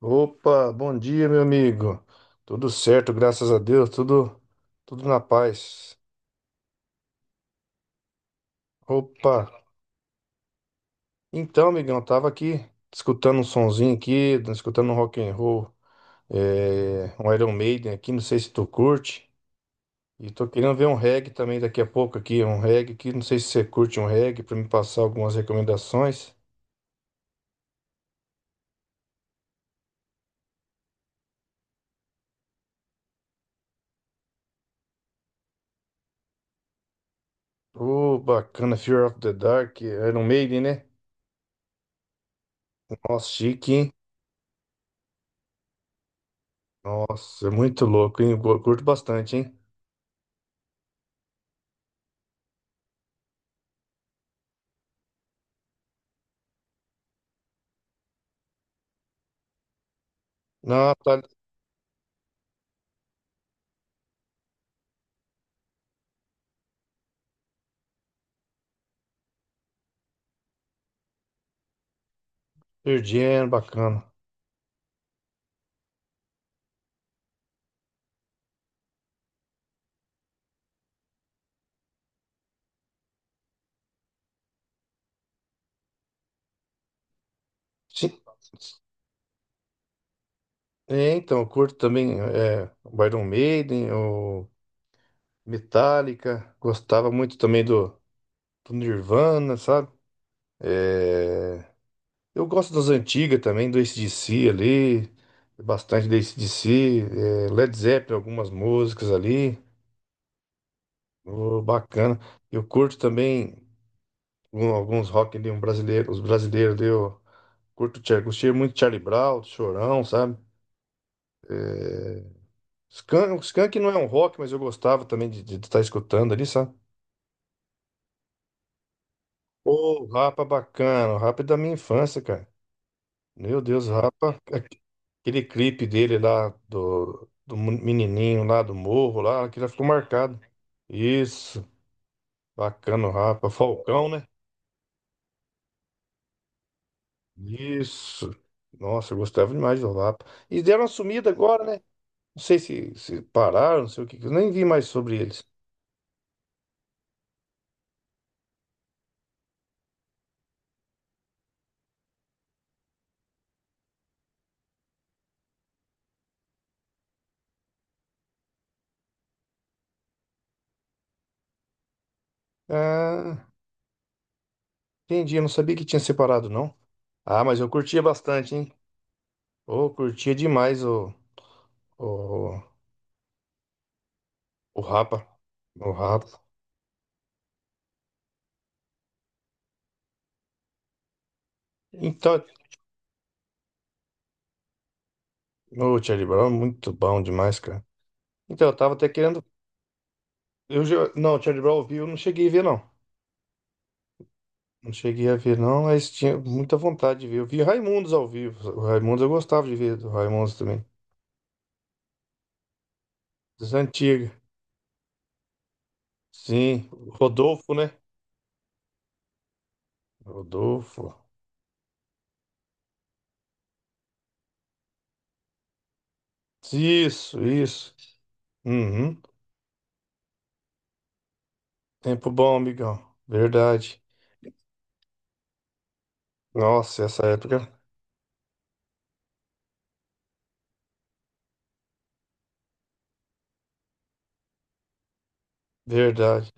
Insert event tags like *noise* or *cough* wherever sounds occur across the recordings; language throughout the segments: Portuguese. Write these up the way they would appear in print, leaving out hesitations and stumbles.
Opa, bom dia, meu amigo. Tudo certo, graças a Deus, tudo na paz. Opa. Então, amigão, tava aqui escutando um sonzinho aqui, escutando um rock and roll, é, um Iron Maiden aqui, não sei se tu curte. E tô querendo ver um reggae também daqui a pouco aqui, um reggae aqui, não sei se você curte um reggae pra me passar algumas recomendações. Ô, bacana, Fear of the Dark, Iron Maiden, né? Nossa, chique, hein? Nossa, é muito louco, hein? Eu curto bastante, hein? Não, tá. Pearl Jam, bacana. Sim. É, então, eu curto também é, o Iron Maiden, o Metallica. Gostava muito também do Nirvana, sabe? É, eu gosto das antigas também, do AC/DC ali. Bastante do AC/DC. É, Led Zeppelin, algumas músicas ali. Ô, bacana. Eu curto também alguns rock ali, um brasileiro, os brasileiros ali. Gostei muito de Charlie Brown, Chorão, sabe? É, Skank, o Skank não é um rock, mas eu gostava também de estar escutando ali, sabe? Ô, Rapa é bacana, o Rapa é da minha infância, cara. Meu Deus, o Rapa. Aquele clipe dele lá, do menininho lá do morro lá, que já ficou marcado. Isso, bacana o Rapa. Falcão, né? Isso. Nossa, eu gostava demais do Rapa. E deram uma sumida agora, né? Não sei se pararam, não sei o que. Eu nem vi mais sobre eles. Ah, entendi, eu não sabia que tinha separado, não. Ah, mas eu curtia bastante, hein? Ô, curtia demais o, o Rapa. O Rapa. Então, o Charlie Brown é muito bom demais, cara. Então, eu tava até querendo. Não, o Charlie Brown ao vivo eu não cheguei a ver, não. Não cheguei a ver, não, mas tinha muita vontade de ver. Eu vi Raimundos ao vivo. O Raimundos eu gostava de ver, do Raimundos também. Das antigas. Sim, o Rodolfo, né? Rodolfo. Isso, isso. Uhum. Tempo bom, amigão. Verdade. Nossa, essa época. Verdade.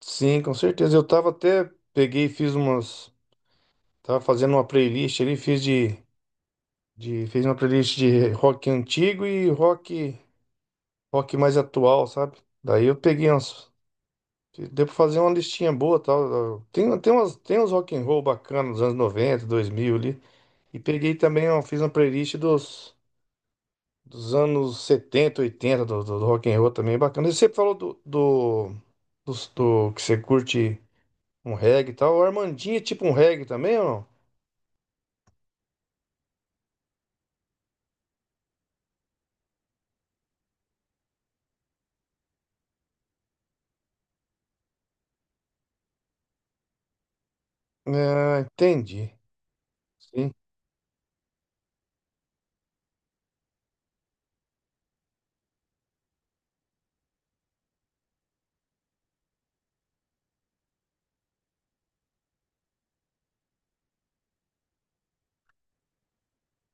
Sim, com certeza. Eu tava até, peguei e fiz umas, tava fazendo uma playlist ali, fiz uma playlist de rock antigo e rock mais atual, sabe? Daí eu peguei umas, deu pra fazer uma listinha boa, tal. Tem uns rock and roll bacanas dos anos 90 2000 ali. E peguei também, ó, fiz uma playlist dos anos 70 80 do rock and roll também, bacana. E você falou do que você curte um reggae e tal. O Armandinho é tipo um reggae também ou não? É, entendi. Sim,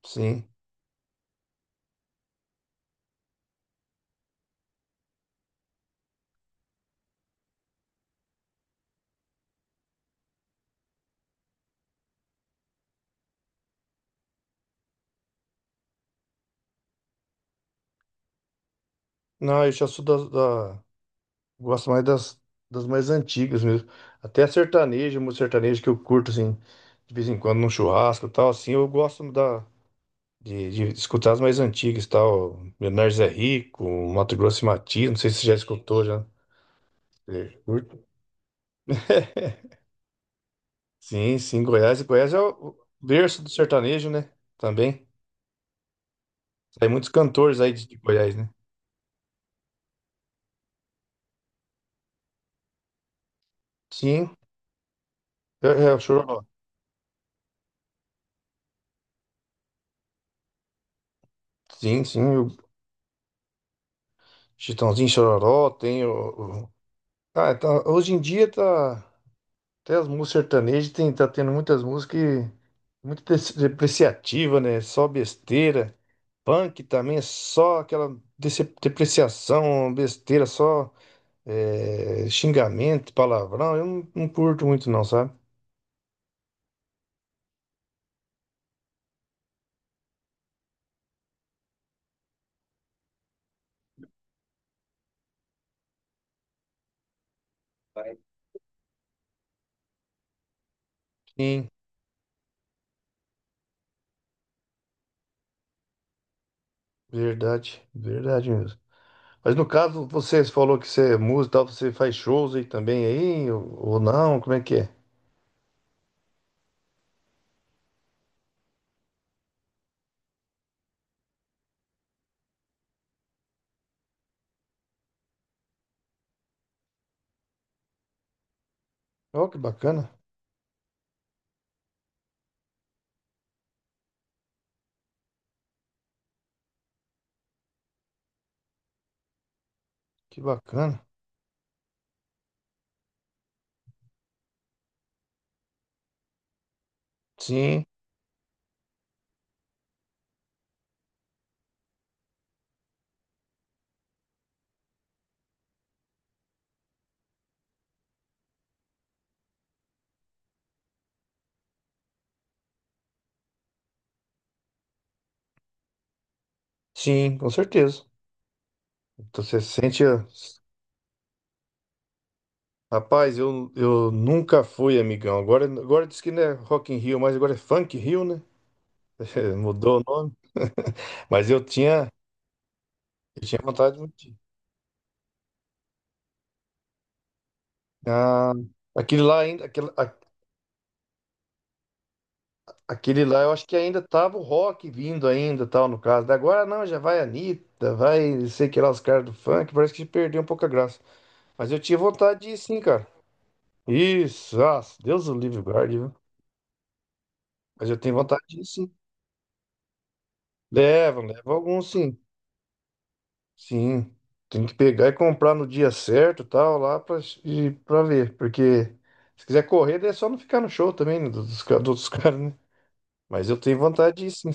sim. Não, eu já sou das- da, Gosto mais das mais antigas mesmo. Até a sertaneja, música sertaneja que eu curto, assim, de vez em quando num churrasco e tal, assim, eu gosto de escutar as mais antigas e tal. Leonardo Zé Rico, Mato Grosso e Matias, não sei se você já escutou já. Você curte? *laughs* Sim, sim, Goiás. E Goiás é o berço do sertanejo, né? Também. Tem muitos cantores aí de Goiás, né? Sim, é o Chororó. Sim, sim, o Chitãozinho Chororó, tem Ah, tá, hoje em dia tá... Até as músicas sertanejas tá tendo muitas músicas muito depreciativa, né? Só besteira. Punk também é só aquela depreciação, besteira, só xingamento, palavrão. Eu não, não curto muito não, sabe? Sim, verdade, verdade mesmo. Mas no caso, você falou que você é músico e tal, você faz shows aí também aí, ou não? Como é que é? Oh, que bacana, que bacana. Sim, sim, com certeza. Então você sente. Rapaz, eu nunca fui, amigão. Agora diz que não é Rock in Rio, mas agora é Funk Rio, né? *laughs* Mudou o nome. *laughs* Mas eu tinha vontade muito. Ah, aquele lá ainda, aquele, Aquele lá, eu acho que ainda tava o rock vindo ainda, tal, no caso. Da Agora não, já vai Anitta, vai, sei que lá, os caras do funk, parece que perdeu um pouco a graça. Mas eu tinha vontade de ir sim, cara. Isso, ah, Deus o livre guarde, viu? Mas eu tenho vontade de ir sim. Leva alguns sim. Sim. Tem que pegar e comprar no dia certo, tal, lá pra ver. Porque se quiser correr, daí é só não ficar no show também, né, dos *laughs* caras, né? Mas eu tenho vontade de ir sim.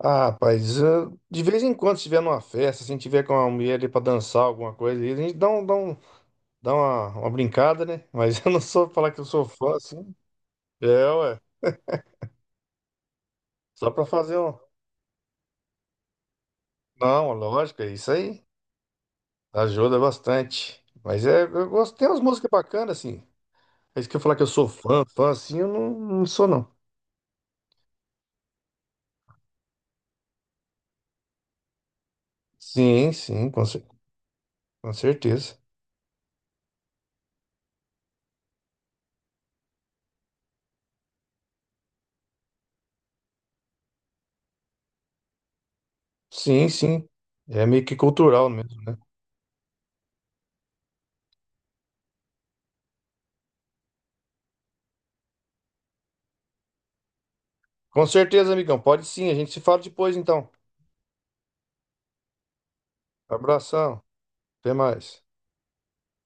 Ah, rapaz, ah, de vez em quando, se tiver numa festa, se a gente tiver com uma mulher ali pra dançar alguma coisa, aí a gente dá uma brincada, né? Mas *laughs* eu não sou falar que eu sou fã, assim. É, ué. Só pra fazer um. Não, lógico, é isso aí. Ajuda bastante. Mas é, eu gosto, tem umas músicas bacanas, assim. É isso que eu falar que eu sou fã, fã, assim, eu não, não sou, não. Sim, sim, com certeza. Sim, sim. É meio que cultural mesmo, né? Com certeza, amigão. Pode sim, a gente se fala depois, então. Abração. Até mais.